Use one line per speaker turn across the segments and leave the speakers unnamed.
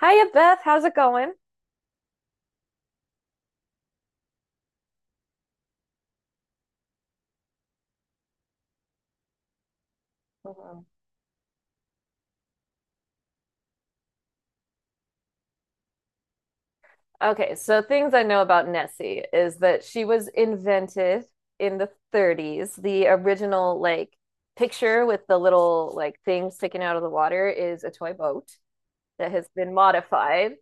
Hiya, Beth. How's it going? Mhm. Okay, so things I know about Nessie is that she was invented in the 30s. The original like picture with the little like thing sticking out of the water is a toy boat that has been modified.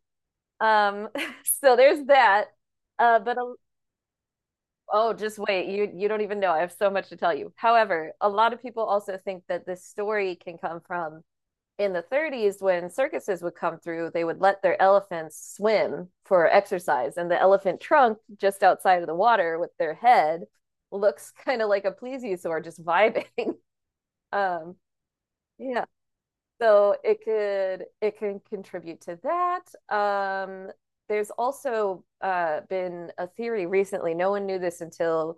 Um, so there's that. Uh, but a, oh, just wait, you don't even know. I have so much to tell you. However, a lot of people also think that this story can come from in the 30s when circuses would come through, they would let their elephants swim for exercise, and the elephant trunk just outside of the water with their head looks kind of like a plesiosaur just vibing. um yeah, so it can contribute to that. Um, there's also been a theory recently. No one knew this until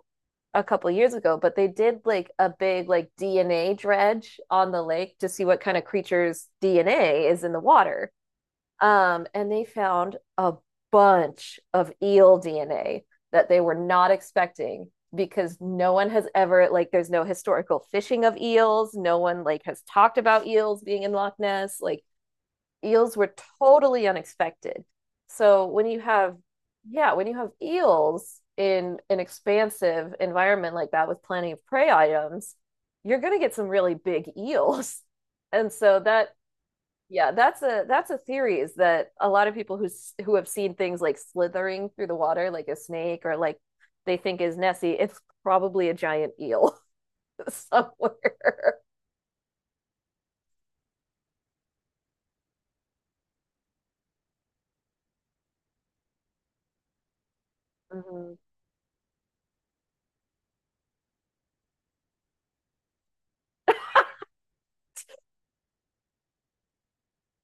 a couple of years ago, but they did like a big like DNA dredge on the lake to see what kind of creatures DNA is in the water. And they found a bunch of eel DNA that they were not expecting, because no one has ever, like, there's no historical fishing of eels, no one like has talked about eels being in Loch Ness. Like, eels were totally unexpected. So when you have, yeah, when you have eels in an expansive environment like that with plenty of prey items, you're going to get some really big eels. And so that, yeah, that's a theory is that a lot of people who who have seen things like slithering through the water like a snake or like they think is Nessie, it's probably a giant eel somewhere. Mhm.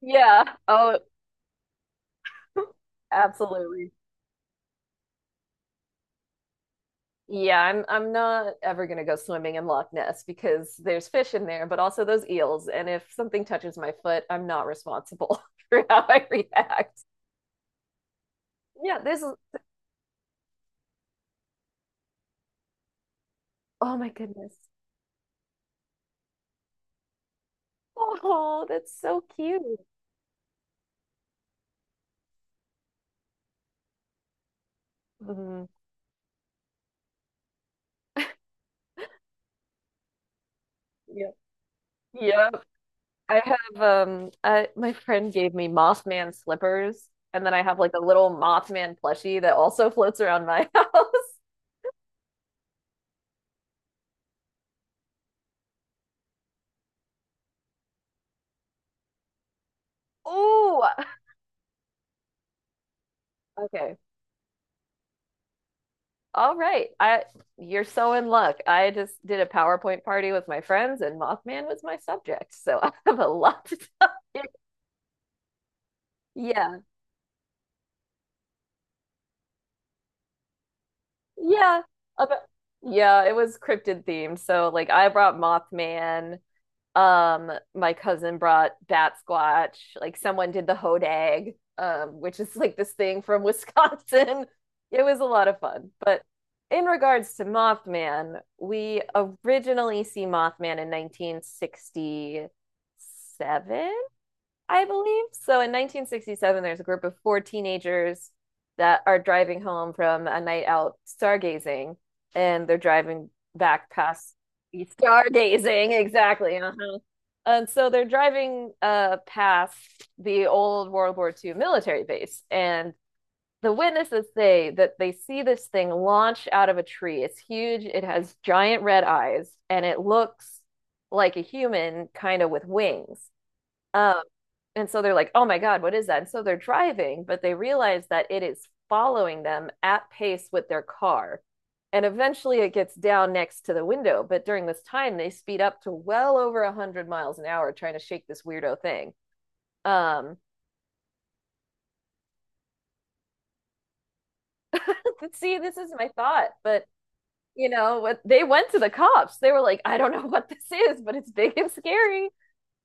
Yeah. Oh, absolutely. Yeah, I'm not ever gonna go swimming in Loch Ness because there's fish in there, but also those eels. And if something touches my foot, I'm not responsible for how I react. Yeah, oh my goodness. Oh, that's so cute. Mhm. Yep. Yep. I have I my friend gave me Mothman slippers, and then I have like a little Mothman plushie that also floats around my house. Ooh. Okay. All right. I, you're so in luck. I just did a PowerPoint party with my friends and Mothman was my subject. So I have a lot to tell you. Yeah. Yeah. About, yeah, it was cryptid themed. So like I brought Mothman. My cousin brought bat squatch. Like someone did the hodag, which is like this thing from Wisconsin. It was a lot of fun. But in regards to Mothman, we originally see Mothman in 1967, I believe. So in 1967, there's a group of four teenagers that are driving home from a night out stargazing, and they're driving back past, stargazing. Exactly. Uh-huh. And so they're driving past the old World War II military base, and the witnesses say that they see this thing launch out of a tree. It's huge, it has giant red eyes, and it looks like a human, kind of with wings. Um, and so they're like, oh my God, what is that? And so they're driving, but they realize that it is following them at pace with their car. And eventually it gets down next to the window. But during this time, they speed up to well over 100 miles an hour trying to shake this weirdo thing. Um, See, this is my thought, but you know what? They went to the cops. They were like, I don't know what this is, but it's big and scary.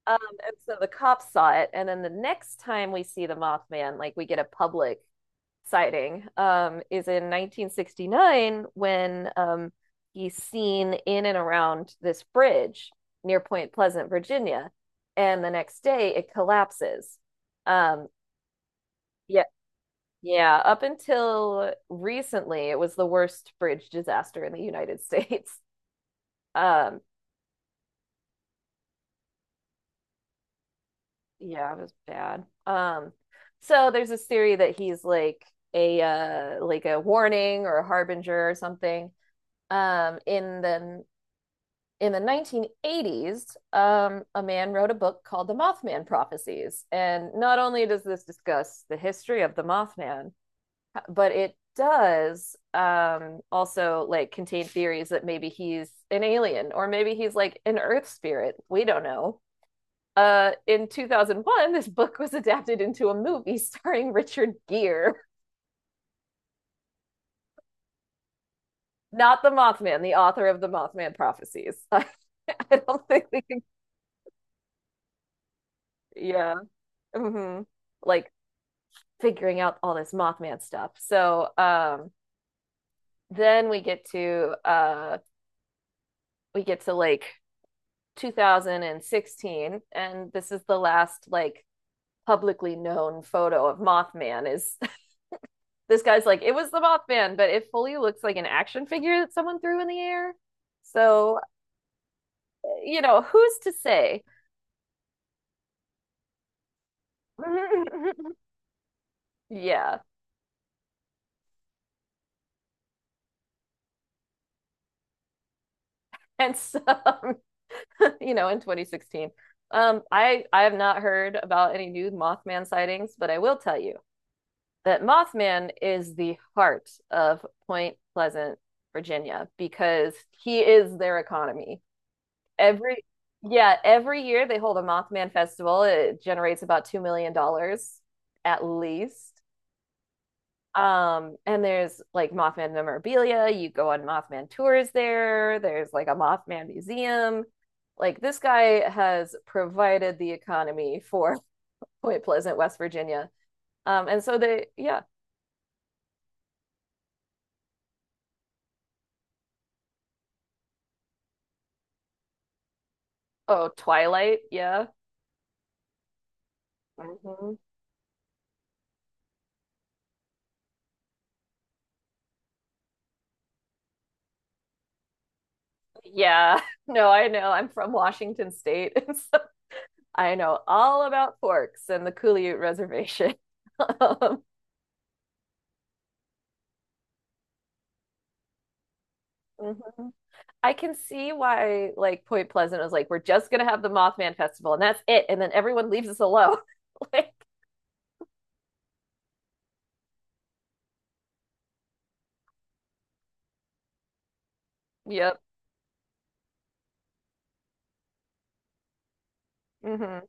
Um, and so the cops saw it, and then the next time we see the Mothman, like we get a public sighting, is in 1969 when he's seen in and around this bridge near Point Pleasant, Virginia, and the next day it collapses. Um, yeah, yeah. Up until recently, it was the worst bridge disaster in the United States. Um, yeah, it was bad. So there's this theory that he's like a warning or a harbinger or something. Um, in the in the 1980s, a man wrote a book called The Mothman Prophecies. And not only does this discuss the history of the Mothman, but it does also like contain theories that maybe he's an alien or maybe he's like an earth spirit. We don't know. In 2001, this book was adapted into a movie starring Richard Gere, not the Mothman, the author of The Mothman Prophecies. I don't think we can, yeah, hmm, like figuring out all this Mothman stuff. So then we get to like 2016, and this is the last like publicly known photo of Mothman is. This guy's like, it was the Mothman, but it fully looks like an action figure that someone threw in the air. So, you know, who's to say? Yeah. And so, you know, in 2016, I have not heard about any new Mothman sightings, but I will tell you that Mothman is the heart of Point Pleasant, Virginia, because he is their economy. Every Yeah, every year they hold a Mothman Festival. It generates about $2 million at least. And there's like Mothman memorabilia. You go on Mothman tours there. There's like a Mothman museum. Like this guy has provided the economy for Point Pleasant, West Virginia. Yeah. Oh, Twilight, yeah. Mhm. Yeah. No, I know. I'm from Washington State. So I know all about forks and the Couliute Reservation. Um, mhm. I can see why, like, Point Pleasant was like, we're just gonna have the Mothman Festival and that's it. And then everyone leaves us alone. Like, yep. Hmm.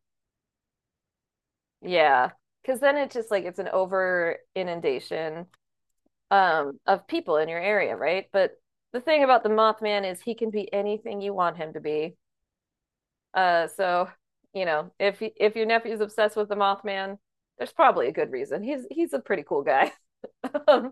Yeah. Because then it's just like it's an over inundation of people in your area, right? But the thing about the Mothman is he can be anything you want him to be. Uh, so, you know, if your nephew's obsessed with the Mothman, there's probably a good reason. He's a pretty cool guy.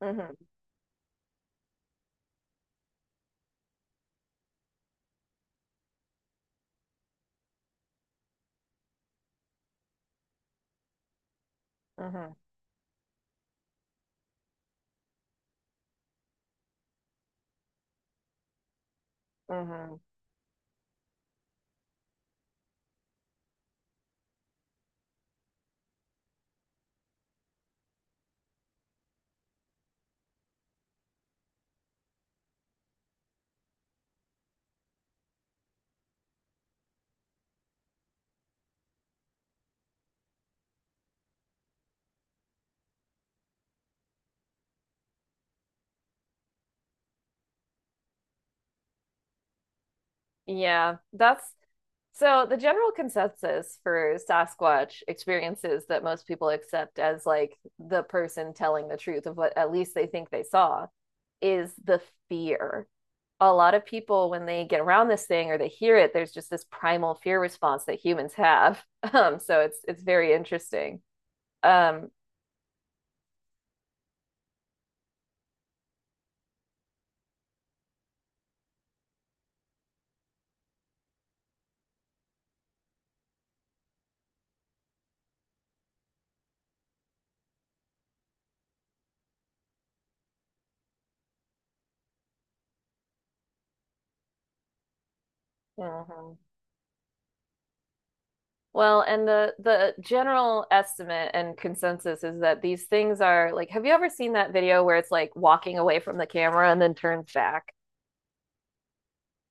Mhm, mhm, mhm. Yeah, that's, so the general consensus for Sasquatch experiences that most people accept as like the person telling the truth of what at least they think they saw is the fear. A lot of people, when they get around this thing or they hear it, there's just this primal fear response that humans have. So it's very interesting. Um, mhm. Well, and the general estimate and consensus is that these things are like, have you ever seen that video where it's like walking away from the camera and then turns back?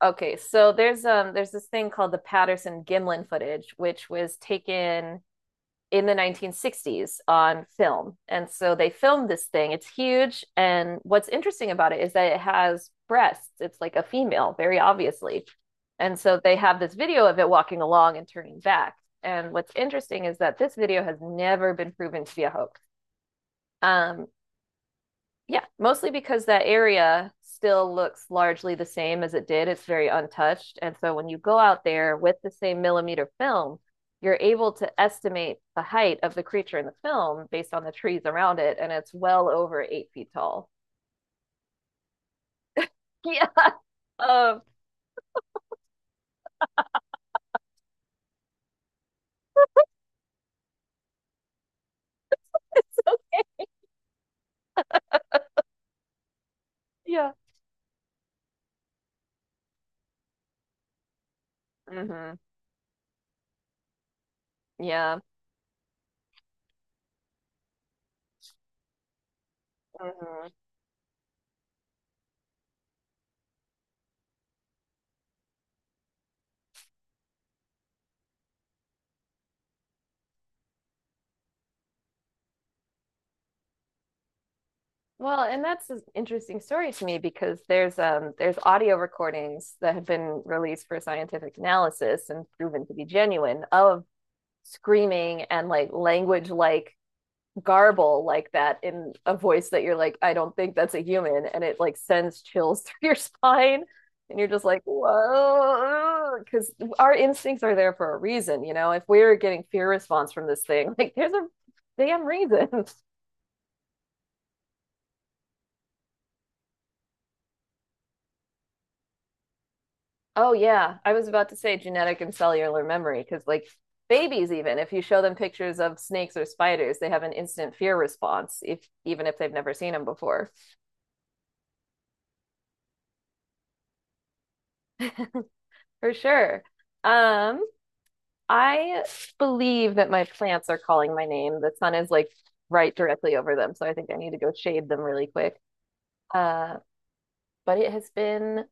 Okay, so there's this thing called the Patterson-Gimlin footage, which was taken in the 1960s on film. And so they filmed this thing. It's huge. And what's interesting about it is that it has breasts. It's like a female, very obviously. And so they have this video of it walking along and turning back. And what's interesting is that this video has never been proven to be a hoax. Um, yeah, mostly because that area still looks largely the same as it did. It's very untouched. And so when you go out there with the same millimeter film, you're able to estimate the height of the creature in the film based on the trees around it, and it's well over 8 feet tall. Yeah. Um, yeah. Hmm. Yeah. Hmm. Well, and that's an interesting story to me because there's audio recordings that have been released for scientific analysis and proven to be genuine of screaming and like language like garble like that in a voice that you're like, I don't think that's a human. And it like sends chills through your spine. And you're just like, whoa, because our instincts are there for a reason. You know, if we're getting fear response from this thing, like there's a damn reason. Oh, yeah. I was about to say genetic and cellular memory because, like, babies, even if you show them pictures of snakes or spiders, they have an instant fear response, if even if they've never seen them before. For sure. Um, I believe that my plants are calling my name. The sun is like right directly over them, so I think I need to go shade them really quick. Uh, but it has been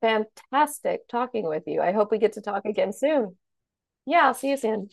fantastic talking with you. I hope we get to talk again soon. Yeah, I'll see you soon.